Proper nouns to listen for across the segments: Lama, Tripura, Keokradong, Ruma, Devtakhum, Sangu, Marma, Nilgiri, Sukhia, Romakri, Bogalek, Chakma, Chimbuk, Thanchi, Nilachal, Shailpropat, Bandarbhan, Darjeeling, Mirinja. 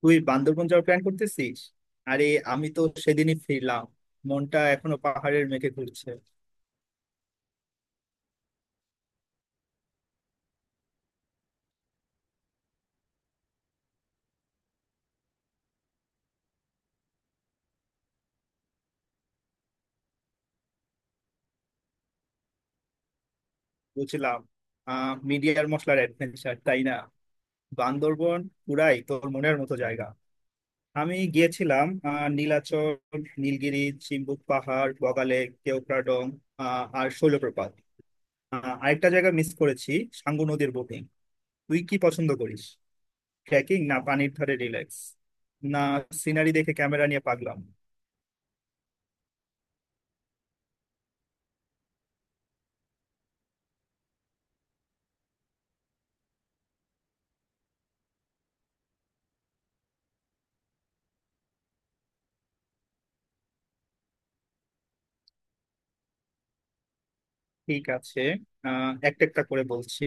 তুই বান্দরবন যাওয়ার প্ল্যান করতেছিস? আরে, আমি তো সেদিনই ফিরলাম। মনটা এখনো পাহাড়ের মেঘে ঘুরছে। বুঝলাম। মিডিয়ার মশলার অ্যাডভেঞ্চার, তাই না? বান্দরবন পুরাই তোর মনের মতো জায়গা। আমি গিয়েছিলাম নীলাচল, নীলগিরি, চিম্বুক পাহাড়, বগালেক, কেওক্রাডং, আর শৈলপ্রপাত। আরেকটা জায়গা মিস করেছি, সাঙ্গু নদীর বোটিং। তুই কি পছন্দ করিস, ট্রেকিং না পানির ধারে রিল্যাক্স? না সিনারি দেখে ক্যামেরা নিয়ে পাগলাম? ঠিক আছে, একটা একটা করে বলছি।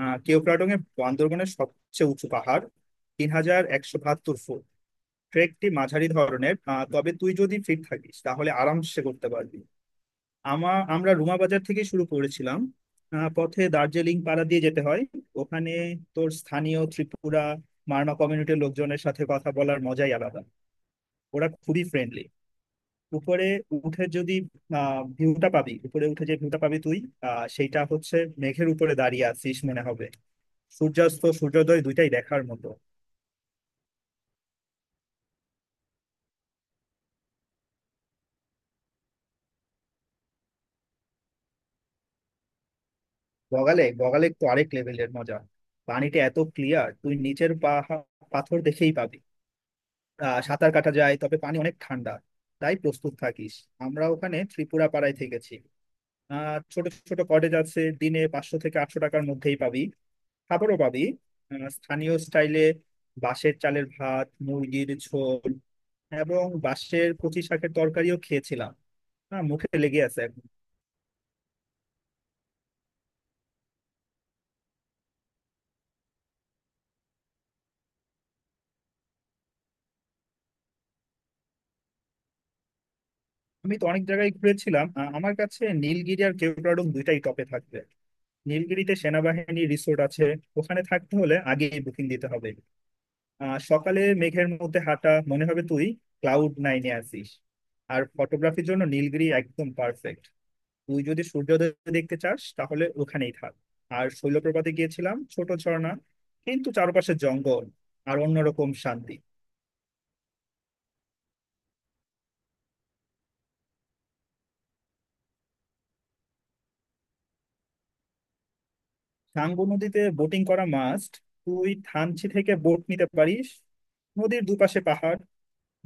কেওক্রাডং এর বান্দরবনের সবচেয়ে উঁচু পাহাড়, 3,172 ফুট। ট্রেকটি মাঝারি ধরনের, তবে তুই যদি ফিট থাকিস, তাহলে আরামসে করতে পারবি। আমরা রুমা বাজার থেকে শুরু করেছিলাম। পথে দার্জিলিং পাড়া দিয়ে যেতে হয়। ওখানে তোর স্থানীয় ত্রিপুরা, মারমা কমিউনিটির লোকজনের সাথে কথা বলার মজাই আলাদা। ওরা খুবই ফ্রেন্ডলি। উপরে উঠে যদি উপরে উঠে যে ভিউটা পাবি তুই, সেইটা হচ্ছে মেঘের উপরে দাঁড়িয়ে আছিস মনে হবে। সূর্যাস্ত, সূর্যোদয় দুইটাই দেখার মতো। বগালে বগালে তো আরেক লেভেলের মজা। পানিটা এত ক্লিয়ার, তুই নিচের পাথর দেখেই পাবি। সাঁতার কাটা যায়, তবে পানি অনেক ঠান্ডা, তাই প্রস্তুত থাকিস। আমরা ওখানে ত্রিপুরা পাড়ায় থেকেছি। ছোট ছোট কটেজ আছে, দিনে 500 থেকে 800 টাকার মধ্যেই পাবি। খাবারও পাবি, স্থানীয় স্টাইলে। বাঁশের চালের ভাত, মুরগির ঝোল এবং বাঁশের কচি শাকের তরকারিও খেয়েছিলাম। হ্যাঁ, মুখে লেগে আছে এখন। আমি তো অনেক জায়গায় ঘুরেছিলাম, আমার কাছে নীলগিরি আর কেওড়াডুম দুইটাই টপে থাকবে। নীলগিরিতে সেনাবাহিনী রিসোর্ট আছে, ওখানে থাকতে হলে আগেই বুকিং দিতে হবে। সকালে মেঘের মধ্যে হাঁটা, মনে হবে তুই ক্লাউড নাইনে আছিস। আর ফটোগ্রাফির জন্য নীলগিরি একদম পারফেক্ট। তুই যদি সূর্যোদয় দেখতে চাস, তাহলে ওখানেই থাক। আর শৈলপ্রপাতে গিয়েছিলাম, ছোট ঝর্ণা, কিন্তু চারপাশে জঙ্গল আর অন্যরকম শান্তি। সাঙ্গু নদীতে বোটিং করা মাস্ট। তুই থানচি থেকে বোট নিতে পারিস। নদীর দুপাশে পাহাড়,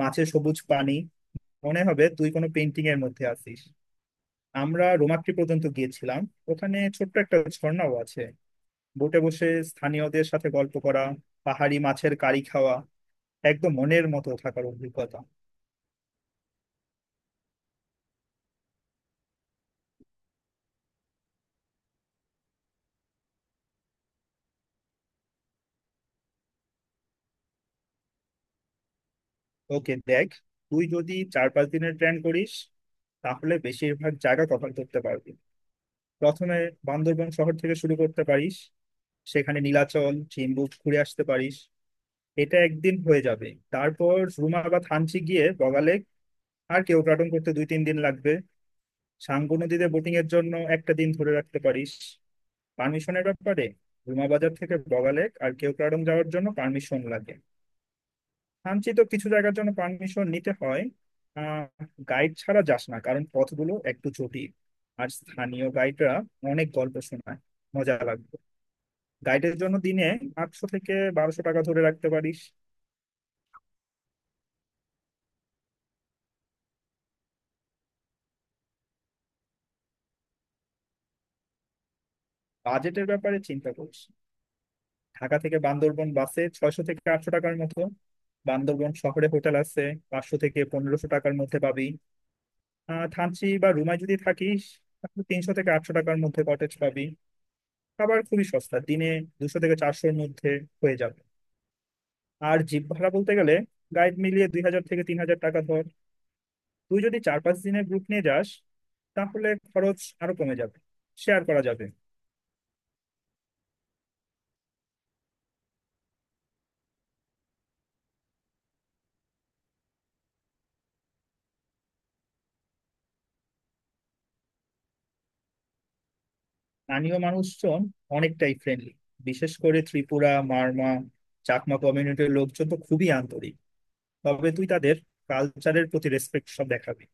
মাঝে সবুজ পানি, মনে হবে তুই কোনো পেন্টিং এর মধ্যে আছিস। আমরা রোমাক্রি পর্যন্ত গিয়েছিলাম। ওখানে ছোট্ট একটা ঝর্ণাও আছে। বোটে বসে স্থানীয়দের সাথে গল্প করা, পাহাড়ি মাছের কারি খাওয়া, একদম মনের মতো থাকার অভিজ্ঞতা। ওকে দেখ, তুই যদি 4-5 দিনের প্ল্যান করিস, তাহলে বেশিরভাগ জায়গা কভার করতে পারবি। প্রথমে বান্দরবান শহর থেকে শুরু করতে পারিস। সেখানে নীলাচল, চিম্বুক ঘুরে আসতে পারিস, এটা একদিন হয়ে যাবে। তারপর রুমা বা থানচি গিয়ে বগালেক আর কেওক্রাডং করতে 2-3 দিন লাগবে। সাঙ্গু নদীতে বোটিং এর জন্য একটা দিন ধরে রাখতে পারিস। পারমিশনের ব্যাপারে, রুমা বাজার থেকে বগালেক আর কেওক্রাডং যাওয়ার জন্য পারমিশন লাগে। কাঞ্চিত কিছু জায়গার জন্য পারমিশন নিতে হয়। আহ গাইড ছাড়া যাস না, কারণ পথগুলো একটু জটিল। আর স্থানীয় গাইডরা অনেক গল্প শোনায়, মজা লাগবে। গাইডের জন্য দিনে 800 থেকে 1,200 টাকা ধরে রাখতে পারিস। বাজেটের ব্যাপারে চিন্তা করিস, ঢাকা থেকে বান্দরবন বাসে 600 থেকে 800 টাকার মতো। বান্দরবন শহরে হোটেল আছে, 500 থেকে 1,500 টাকার মধ্যে পাবি। থানচি বা রুমায় যদি থাকিস, তাহলে 300 থেকে 800 টাকার মধ্যে কটেজ পাবি। খাবার খুবই সস্তা, দিনে 200 থেকে 400 মধ্যে হয়ে যাবে। আর জিপ ভাড়া বলতে গেলে গাইড মিলিয়ে 2,000 থেকে 3,000 টাকা ধর। তুই যদি চার পাঁচ দিনের গ্রুপ নিয়ে যাস, তাহলে খরচ আরো কমে যাবে, শেয়ার করা যাবে। স্থানীয় মানুষজন অনেকটাই ফ্রেন্ডলি, বিশেষ করে ত্রিপুরা, মারমা, চাকমা কমিউনিটির লোকজন তো খুবই আন্তরিক। তবে তুই তাদের কালচারের প্রতি রেসপেক্ট সব দেখাবি।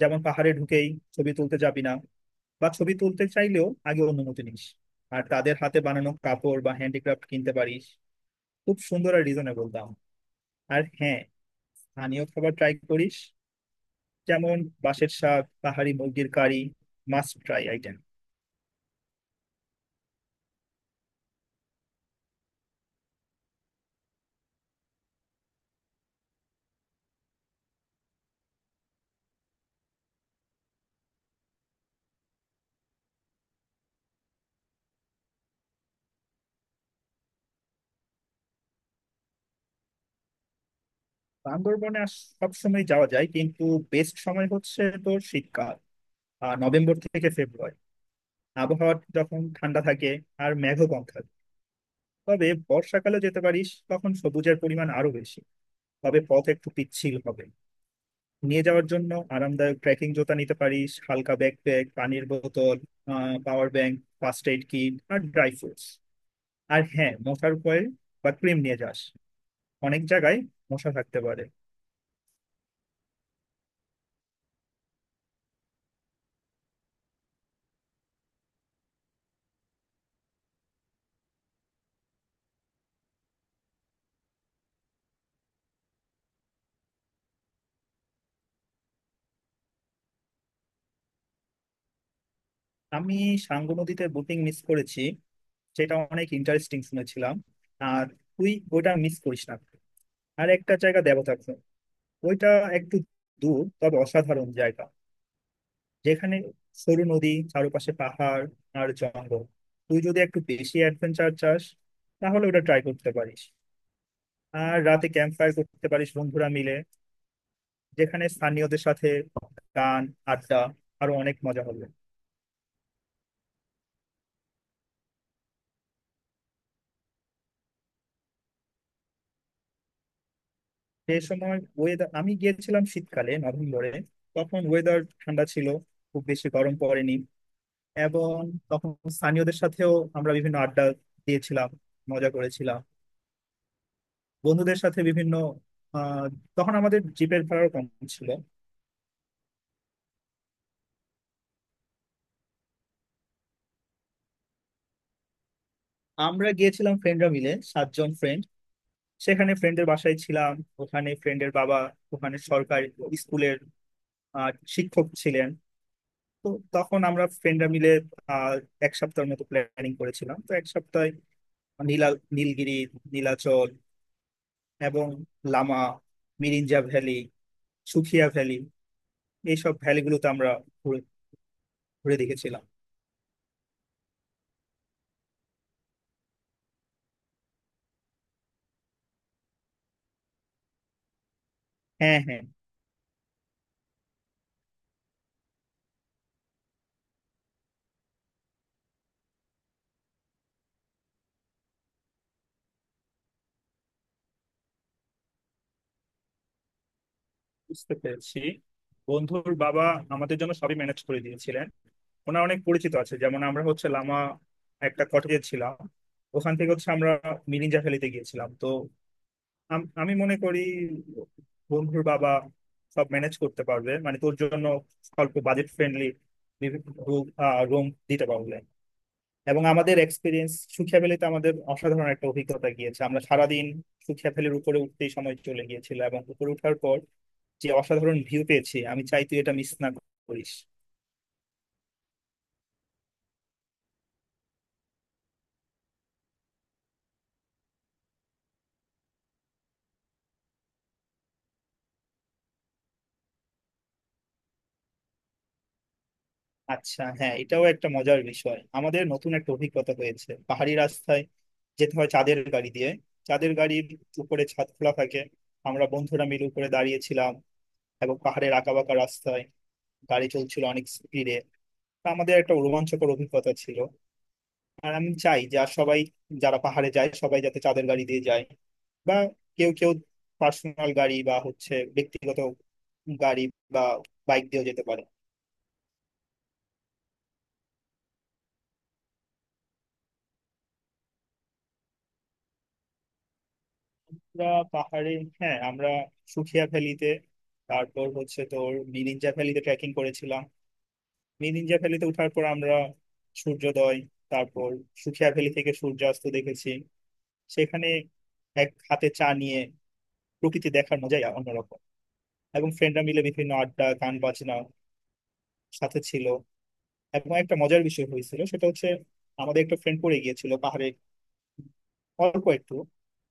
যেমন পাহাড়ে ঢুকেই ছবি তুলতে যাবি না, বা ছবি তুলতে চাইলেও আগে অনুমতি নিস। আর তাদের হাতে বানানো কাপড় বা হ্যান্ডিক্রাফট কিনতে পারিস, খুব সুন্দর আর রিজনেবল দাম। আর হ্যাঁ, স্থানীয় খাবার ট্রাই করিস, যেমন বাঁশের শাক, পাহাড়ি মুরগির কারি, মাস্ট ট্রাই আইটেম। বান্দরবনে সব সময় যাওয়া যায়, কিন্তু বেস্ট সময় হচ্ছে তোর শীতকাল, আর নভেম্বর থেকে ফেব্রুয়ারি, আবহাওয়া যখন ঠান্ডা থাকে আর মেঘও কম থাকে। তবে বর্ষাকালে যেতে পারিস, তখন সবুজের পরিমাণ আরো বেশি, তবে পথ একটু পিচ্ছিল হবে। নিয়ে যাওয়ার জন্য আরামদায়ক ট্রেকিং জুতা নিতে পারিস, হালকা ব্যাকপ্যাক, পানির বোতল, power bank, first aid kit আর ড্রাই ফ্রুটস। আর হ্যাঁ, মশার কয়েল বা ক্রিম নিয়ে যাস, অনেক জায়গায় মশা থাকতে পারে। আমি সাঙ্গু নদীতে বোটিং মিস করেছি, সেটা অনেক ইন্টারেস্টিং শুনেছিলাম। আর তুই ওটা মিস করিস না। আর একটা জায়গা, দেবতাখুম, ওইটা একটু দূর, তবে অসাধারণ জায়গা, যেখানে সরু নদী, চারপাশে পাহাড় আর জঙ্গল। তুই যদি একটু বেশি অ্যাডভেঞ্চার চাস, তাহলে ওটা ট্রাই করতে পারিস। আর রাতে ক্যাম্প ফায়ার করতে পারিস বন্ধুরা মিলে, যেখানে স্থানীয়দের সাথে গান, আড্ডা, আরো অনেক মজা হবে। সেই সময় ওয়েদার, আমি গিয়েছিলাম শীতকালে, নভেম্বরে। তখন ওয়েদার ঠান্ডা ছিল, খুব বেশি গরম পড়েনি। এবং তখন স্থানীয়দের সাথেও আমরা বিভিন্ন আড্ডা দিয়েছিলাম, মজা করেছিলাম বন্ধুদের সাথে বিভিন্ন। আহ, তখন আমাদের জিপের ভাড়াও কম ছিল। আমরা গিয়েছিলাম ফ্রেন্ডরা মিলে, 7 জন ফ্রেন্ড। সেখানে ফ্রেন্ডের বাসায় ছিলাম। ওখানে ফ্রেন্ডের বাবা ওখানে সরকারি স্কুলের আহ, শিক্ষক ছিলেন। তো তখন আমরা ফ্রেন্ডরা মিলে আহ, এক সপ্তাহের মতো প্ল্যানিং করেছিলাম। তো এক সপ্তাহে নীলা নীলগিরি, নীলাচল এবং লামা, মিরিঞ্জা ভ্যালি, সুখিয়া ভ্যালি, এইসব ভ্যালিগুলোতে আমরা ঘুরে ঘুরে দেখেছিলাম। হ্যাঁ হ্যাঁ, বুঝতে পেরেছি। বন্ধুর বাবা আমাদের জন্য সবই ম্যানেজ করে দিয়েছিলেন। ওনার অনেক পরিচিত আছে। যেমন আমরা হচ্ছে লামা একটা কটেজে ছিলাম। ওখান থেকে হচ্ছে আমরা মিরিঞ্জা ভ্যালিতে গিয়েছিলাম। তো আমি মনে করি বন্ধুর বাবা সব ম্যানেজ করতে পারবে, মানে তোর জন্য অল্প বাজেট ফ্রেন্ডলি রুম দিতে পারবে। এবং আমাদের এক্সপিরিয়েন্স, সুখিয়া ভ্যালিতে আমাদের অসাধারণ একটা অভিজ্ঞতা গিয়েছে। আমরা সারাদিন সুখিয়া ভ্যালির উপরে উঠতেই সময় চলে গিয়েছিল, এবং উপরে ওঠার পর যে অসাধারণ ভিউ পেয়েছি, আমি চাই তুই এটা মিস না করিস। আচ্ছা হ্যাঁ, এটাও একটা মজার বিষয়, আমাদের নতুন একটা অভিজ্ঞতা হয়েছে। পাহাড়ি রাস্তায় যেতে হয় চাঁদের গাড়ি দিয়ে। চাঁদের গাড়ির উপরে ছাদ খোলা থাকে। আমরা বন্ধুরা মিলে উপরে দাঁড়িয়েছিলাম, এবং পাহাড়ের আঁকাবাঁকা রাস্তায় গাড়ি চলছিল অনেক স্পিডে। তা আমাদের একটা রোমাঞ্চকর অভিজ্ঞতা ছিল। আর আমি চাই যে আর সবাই যারা পাহাড়ে যায়, সবাই যাতে চাঁদের গাড়ি দিয়ে যায়, বা কেউ কেউ পার্সোনাল গাড়ি বা হচ্ছে ব্যক্তিগত গাড়ি, বা বাইক দিয়েও যেতে পারে। আমরা পাহাড়ে হ্যাঁ, আমরা সুখিয়া ভ্যালিতে, তারপর হচ্ছে তোর মিরিঞ্জা ভ্যালিতে ট্রেকিং করেছিলাম। মিরিঞ্জা ভ্যালিতে ওঠার পর আমরা সূর্যোদয়, তারপর সুখিয়া ভ্যালি থেকে সূর্যাস্ত দেখেছি। সেখানে এক হাতে চা নিয়ে প্রকৃতি দেখার মজাই অন্যরকম। এবং ফ্রেন্ডরা মিলে বিভিন্ন আড্ডা, গান বাজনা সাথে ছিল। এবং একটা মজার বিষয় হয়েছিল, সেটা হচ্ছে আমাদের একটা ফ্রেন্ড পড়ে গিয়েছিল পাহাড়ে, অল্প একটু,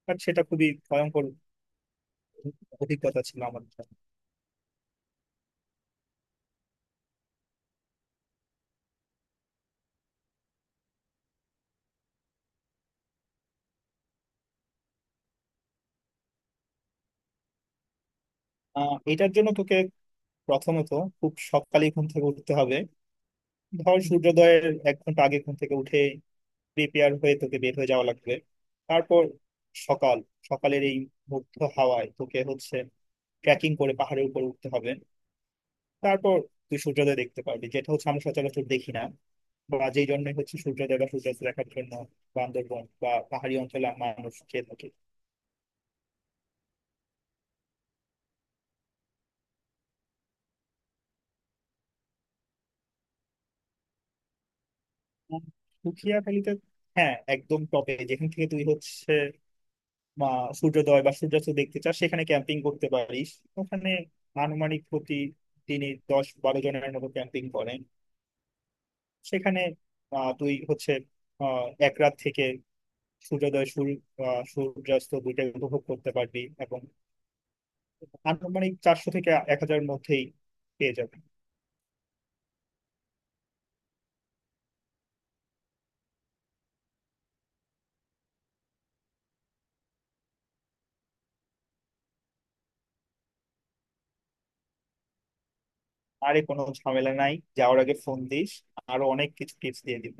বাট সেটা খুবই ভয়ঙ্কর অভিজ্ঞতা ছিল আমার জন্য। এটার জন্য তোকে প্রথমত খুব সকালে ঘুম থেকে উঠতে হবে। ধর সূর্যোদয়ের এক ঘন্টা আগে ঘুম থেকে উঠে প্রিপেয়ার হয়ে তোকে বের হয়ে যাওয়া লাগবে। তারপর সকাল সকালের এই মুগ্ধ হাওয়ায় তোকে হচ্ছে ট্রেকিং করে পাহাড়ের উপর উঠতে হবে। তারপর তুই সূর্যোদয় দেখতে পারবি, যেটা হচ্ছে আমরা সচরাচর দেখি না। বা যেই জন্যই হচ্ছে সূর্যোদয় বা সূর্যাস্ত দেখার জন্য বান্দরবন বা পাহাড়ি অঞ্চলে মানুষ খেয়ে থাকে। উম, পুঠিয়াখালীতে, হ্যাঁ, একদম টপে, যেখান থেকে তুই হচ্ছে মা সূর্যোদয় বা সূর্যাস্ত দেখতে চাস, সেখানে ক্যাম্পিং করতে পারিস। ওখানে আনুমানিক প্রতি তিনি 10-12 জনের মতো ক্যাম্পিং করেন সেখানে। তুই হচ্ছে এক রাত থেকে সূর্যোদয় সূর্য সূর্যাস্ত দুইটাই উপভোগ করতে পারবি, এবং আনুমানিক 400 থেকে 1,000 মধ্যেই পেয়ে যাবে। আরে কোনো ঝামেলা নাই। যাওয়ার আগে ফোন দিস, আরো অনেক কিছু টিপস দিয়ে দিব।